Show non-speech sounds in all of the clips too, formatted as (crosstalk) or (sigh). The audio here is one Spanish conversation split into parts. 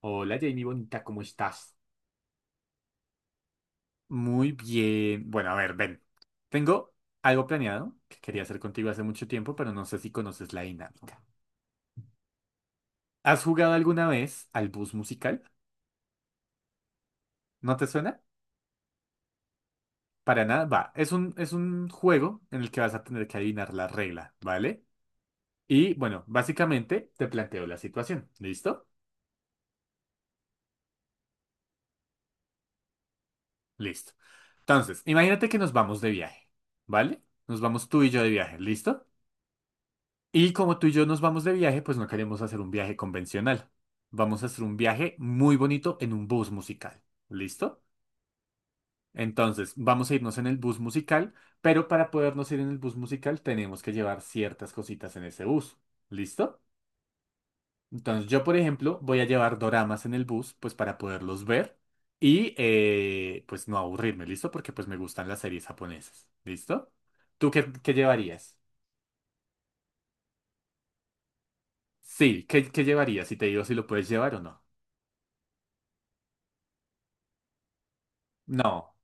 Hola Jamie, bonita, ¿cómo estás? Muy bien. Bueno, a ver, ven. Tengo algo planeado que quería hacer contigo hace mucho tiempo, pero no sé si conoces la dinámica. ¿Has jugado alguna vez al bus musical? ¿No te suena? Para nada. Va, es un juego en el que vas a tener que adivinar la regla, ¿vale? Y bueno, básicamente te planteo la situación. ¿Listo? Listo. Entonces, imagínate que nos vamos de viaje, ¿vale? Nos vamos tú y yo de viaje, ¿listo? Y como tú y yo nos vamos de viaje, pues no queremos hacer un viaje convencional. Vamos a hacer un viaje muy bonito en un bus musical. ¿Listo? Entonces, vamos a irnos en el bus musical, pero para podernos ir en el bus musical tenemos que llevar ciertas cositas en ese bus. ¿Listo? Entonces, yo, por ejemplo, voy a llevar doramas en el bus, pues para poderlos ver y pues no aburrirme, ¿listo? Porque pues me gustan las series japonesas. ¿Listo? ¿Tú qué llevarías? Sí, ¿qué llevarías? Y te digo si lo puedes llevar o no. No.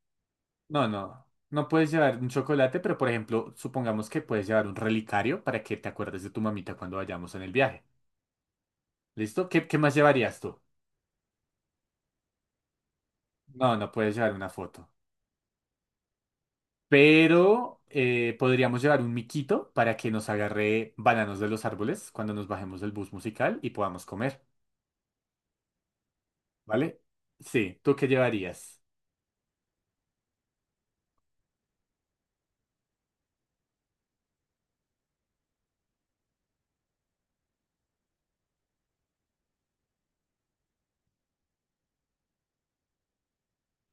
No, no. No puedes llevar un chocolate, pero por ejemplo, supongamos que puedes llevar un relicario para que te acuerdes de tu mamita cuando vayamos en el viaje. ¿Listo? ¿Qué más llevarías tú? No, no puedes llevar una foto. Pero podríamos llevar un miquito para que nos agarre bananos de los árboles cuando nos bajemos del bus musical y podamos comer. ¿Vale? Sí. ¿Tú qué llevarías?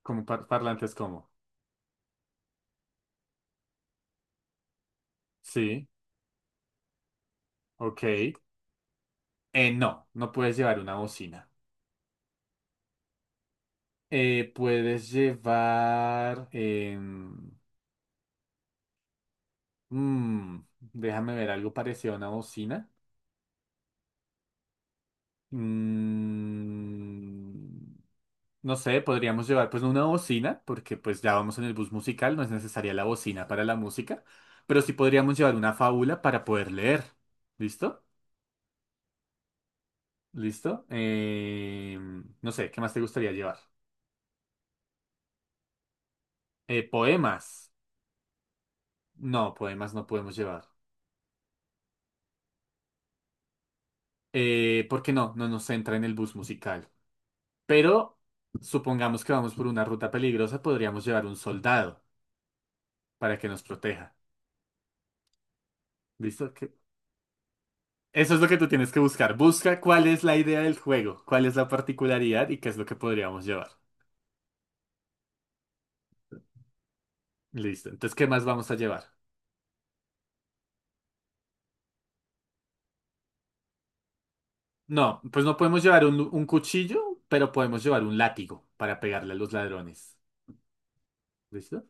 Como parlantes, ¿cómo? Sí. Ok. No, no puedes llevar una bocina. Puedes llevar. Mm, déjame ver algo parecido a una bocina. Mm, no sé, podríamos llevar pues una bocina, porque pues ya vamos en el bus musical, no es necesaria la bocina para la música, pero sí podríamos llevar una fábula para poder leer. ¿Listo? ¿Listo? No sé, ¿qué más te gustaría llevar? Poemas. No, poemas no podemos llevar. Porque no nos entra en el bus musical. Pero supongamos que vamos por una ruta peligrosa, podríamos llevar un soldado. Para que nos proteja. ¿Listo? Eso es lo que tú tienes que buscar. Busca cuál es la idea del juego, cuál es la particularidad y qué es lo que podríamos llevar. Listo. Entonces, ¿qué más vamos a llevar? No, pues no podemos llevar un cuchillo, pero podemos llevar un látigo para pegarle a los ladrones. ¿Listo?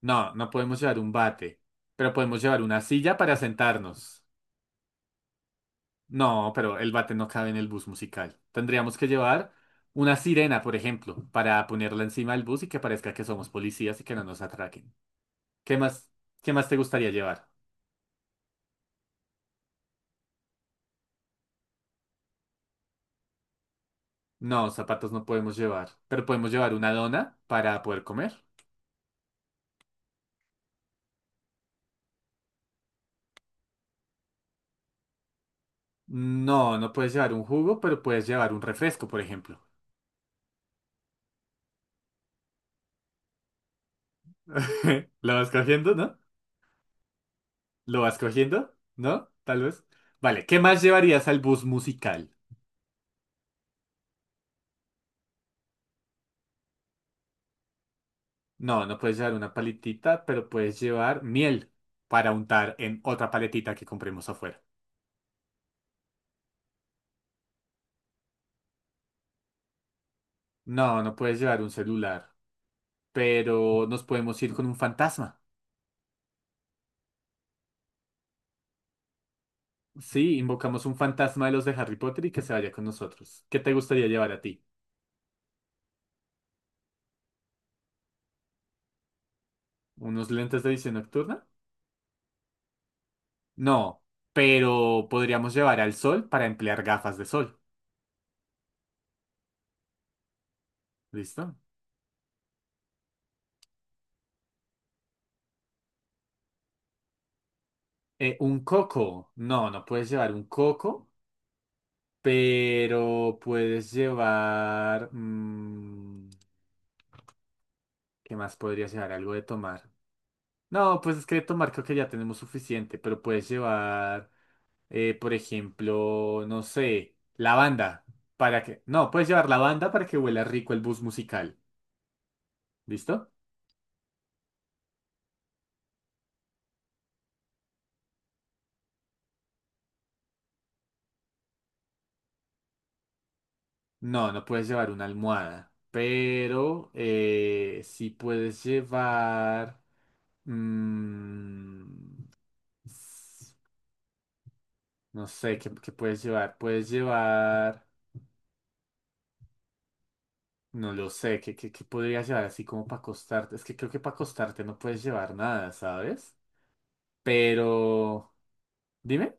No, no podemos llevar un bate, pero podemos llevar una silla para sentarnos. No, pero el bate no cabe en el bus musical. Tendríamos que llevar una sirena, por ejemplo, para ponerla encima del bus y que parezca que somos policías y que no nos atraquen. ¿Qué más, qué más te gustaría llevar? No, zapatos no podemos llevar, pero podemos llevar una dona para poder comer. No, no puedes llevar un jugo, pero puedes llevar un refresco, por ejemplo. (laughs) ¿Lo vas cogiendo, no? ¿Lo vas cogiendo? ¿No? Tal vez. Vale, ¿qué más llevarías al bus musical? No, no puedes llevar una paletita, pero puedes llevar miel para untar en otra paletita que compremos afuera. No, no puedes llevar un celular, pero nos podemos ir con un fantasma. Sí, invocamos un fantasma de los de Harry Potter y que se vaya con nosotros. ¿Qué te gustaría llevar a ti? ¿Unos lentes de visión nocturna? No, pero podríamos llevar al sol para emplear gafas de sol. ¿Listo? Un coco. No, no puedes llevar un coco, pero puedes llevar... mm, ¿qué más podrías llevar? Algo de tomar. No, pues es que de tomar creo que ya tenemos suficiente, pero puedes llevar... por ejemplo, no sé, lavanda, para que... No, puedes llevar lavanda para que huela rico el bus musical. ¿Listo? No, no puedes llevar una almohada, pero sí puedes llevar... mm, s- no sé, ¿qué puedes llevar? Puedes llevar... No lo sé, ¿qué podrías llevar así como para acostarte? Es que creo que para acostarte no puedes llevar nada, ¿sabes? Pero... Dime.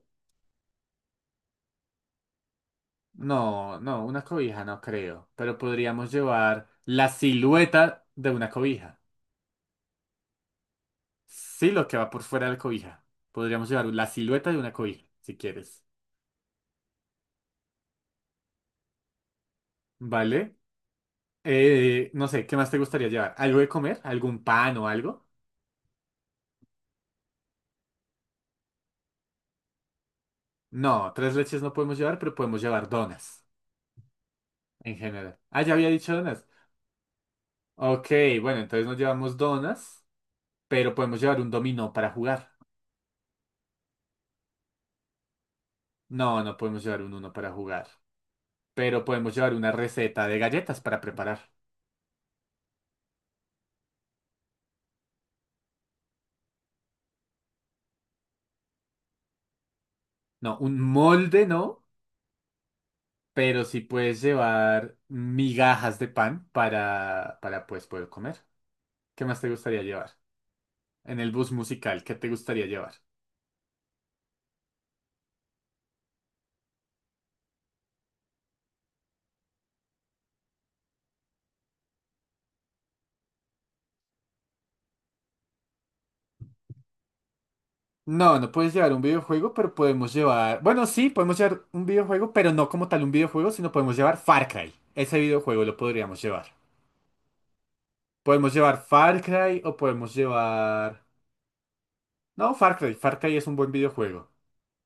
No, una cobija no creo, pero podríamos llevar la silueta de una cobija. Sí, lo que va por fuera de la cobija. Podríamos llevar la silueta de una cobija, si quieres. ¿Vale? No sé, ¿qué más te gustaría llevar? ¿Algo de comer? ¿Algún pan o algo? No, tres leches no podemos llevar, pero podemos llevar donas en general. Ah, ya había dicho donas. Ok, bueno, entonces no llevamos donas, pero podemos llevar un dominó para jugar. No, no podemos llevar un uno para jugar. Pero podemos llevar una receta de galletas para preparar. No, un molde no, pero sí puedes llevar migajas de pan para pues poder comer. ¿Qué más te gustaría llevar? En el bus musical, ¿qué te gustaría llevar? No, no puedes llevar un videojuego, pero podemos llevar... Bueno, sí, podemos llevar un videojuego, pero no como tal un videojuego, sino podemos llevar Far Cry. Ese videojuego lo podríamos llevar. Podemos llevar Far Cry o podemos llevar... No, Far Cry. Far Cry es un buen videojuego.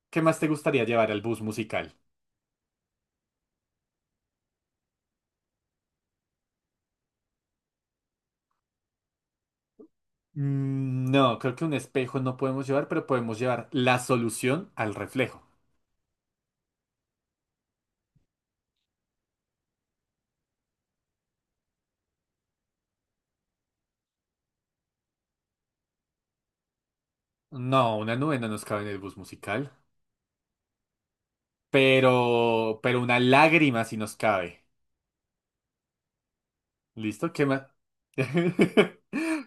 ¿Qué más te gustaría llevar al bus musical? Mm, no, creo que un espejo no podemos llevar, pero podemos llevar la solución al reflejo. No, una nube no nos cabe en el bus musical. Pero una lágrima sí nos cabe. ¿Listo? ¿Qué más? (laughs)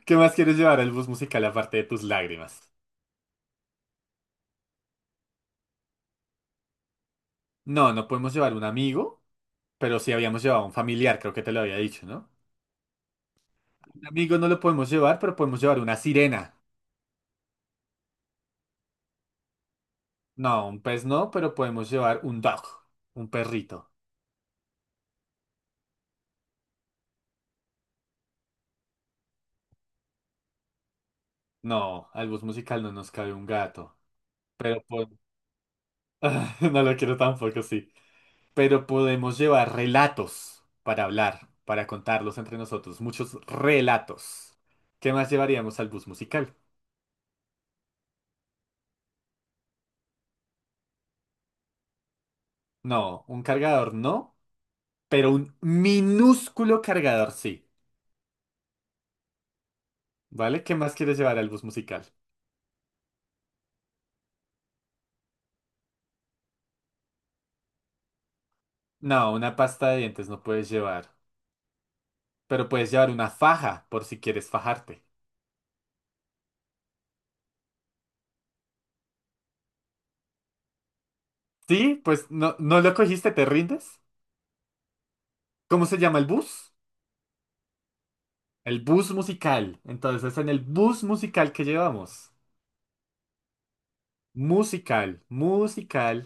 ¿Qué más quieres llevar al bus musical aparte de tus lágrimas? No, no podemos llevar un amigo, pero sí habíamos llevado un familiar, creo que te lo había dicho, ¿no? Un amigo no lo podemos llevar, pero podemos llevar una sirena. No, un pez no, pero podemos llevar un dog, un perrito. No, al bus musical no nos cabe un gato. Pero po- (laughs) no lo quiero tampoco, sí. Pero podemos llevar relatos para hablar, para contarlos entre nosotros. Muchos relatos. ¿Qué más llevaríamos al bus musical? No, un cargador no, pero un minúsculo cargador sí. ¿Vale? ¿Qué más quieres llevar al bus musical? No, una pasta de dientes no puedes llevar. Pero puedes llevar una faja por si quieres fajarte. Sí, pues no, no lo cogiste, ¿te rindes? ¿Cómo se llama el bus? El bus musical. Entonces, en el bus musical que llevamos. Musical, musical,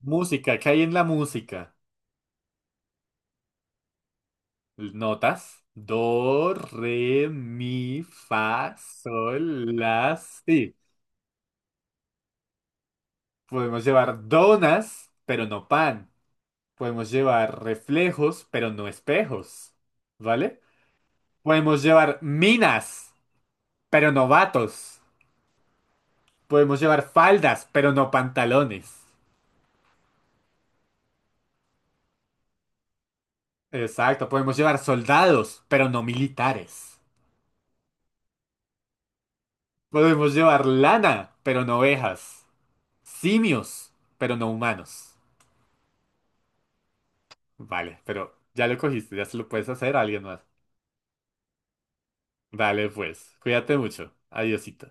música. ¿Qué hay en la música? Notas. Do, re, mi, fa, sol, la, si. Podemos llevar donas, pero no pan. Podemos llevar reflejos, pero no espejos. ¿Vale? Podemos llevar minas, pero no vatos. Podemos llevar faldas, pero no pantalones. Exacto, podemos llevar soldados, pero no militares. Podemos llevar lana, pero no ovejas. Simios, pero no humanos. Vale, pero ya lo cogiste, ya se lo puedes hacer a alguien más. Dale, pues, cuídate mucho. Adiosito.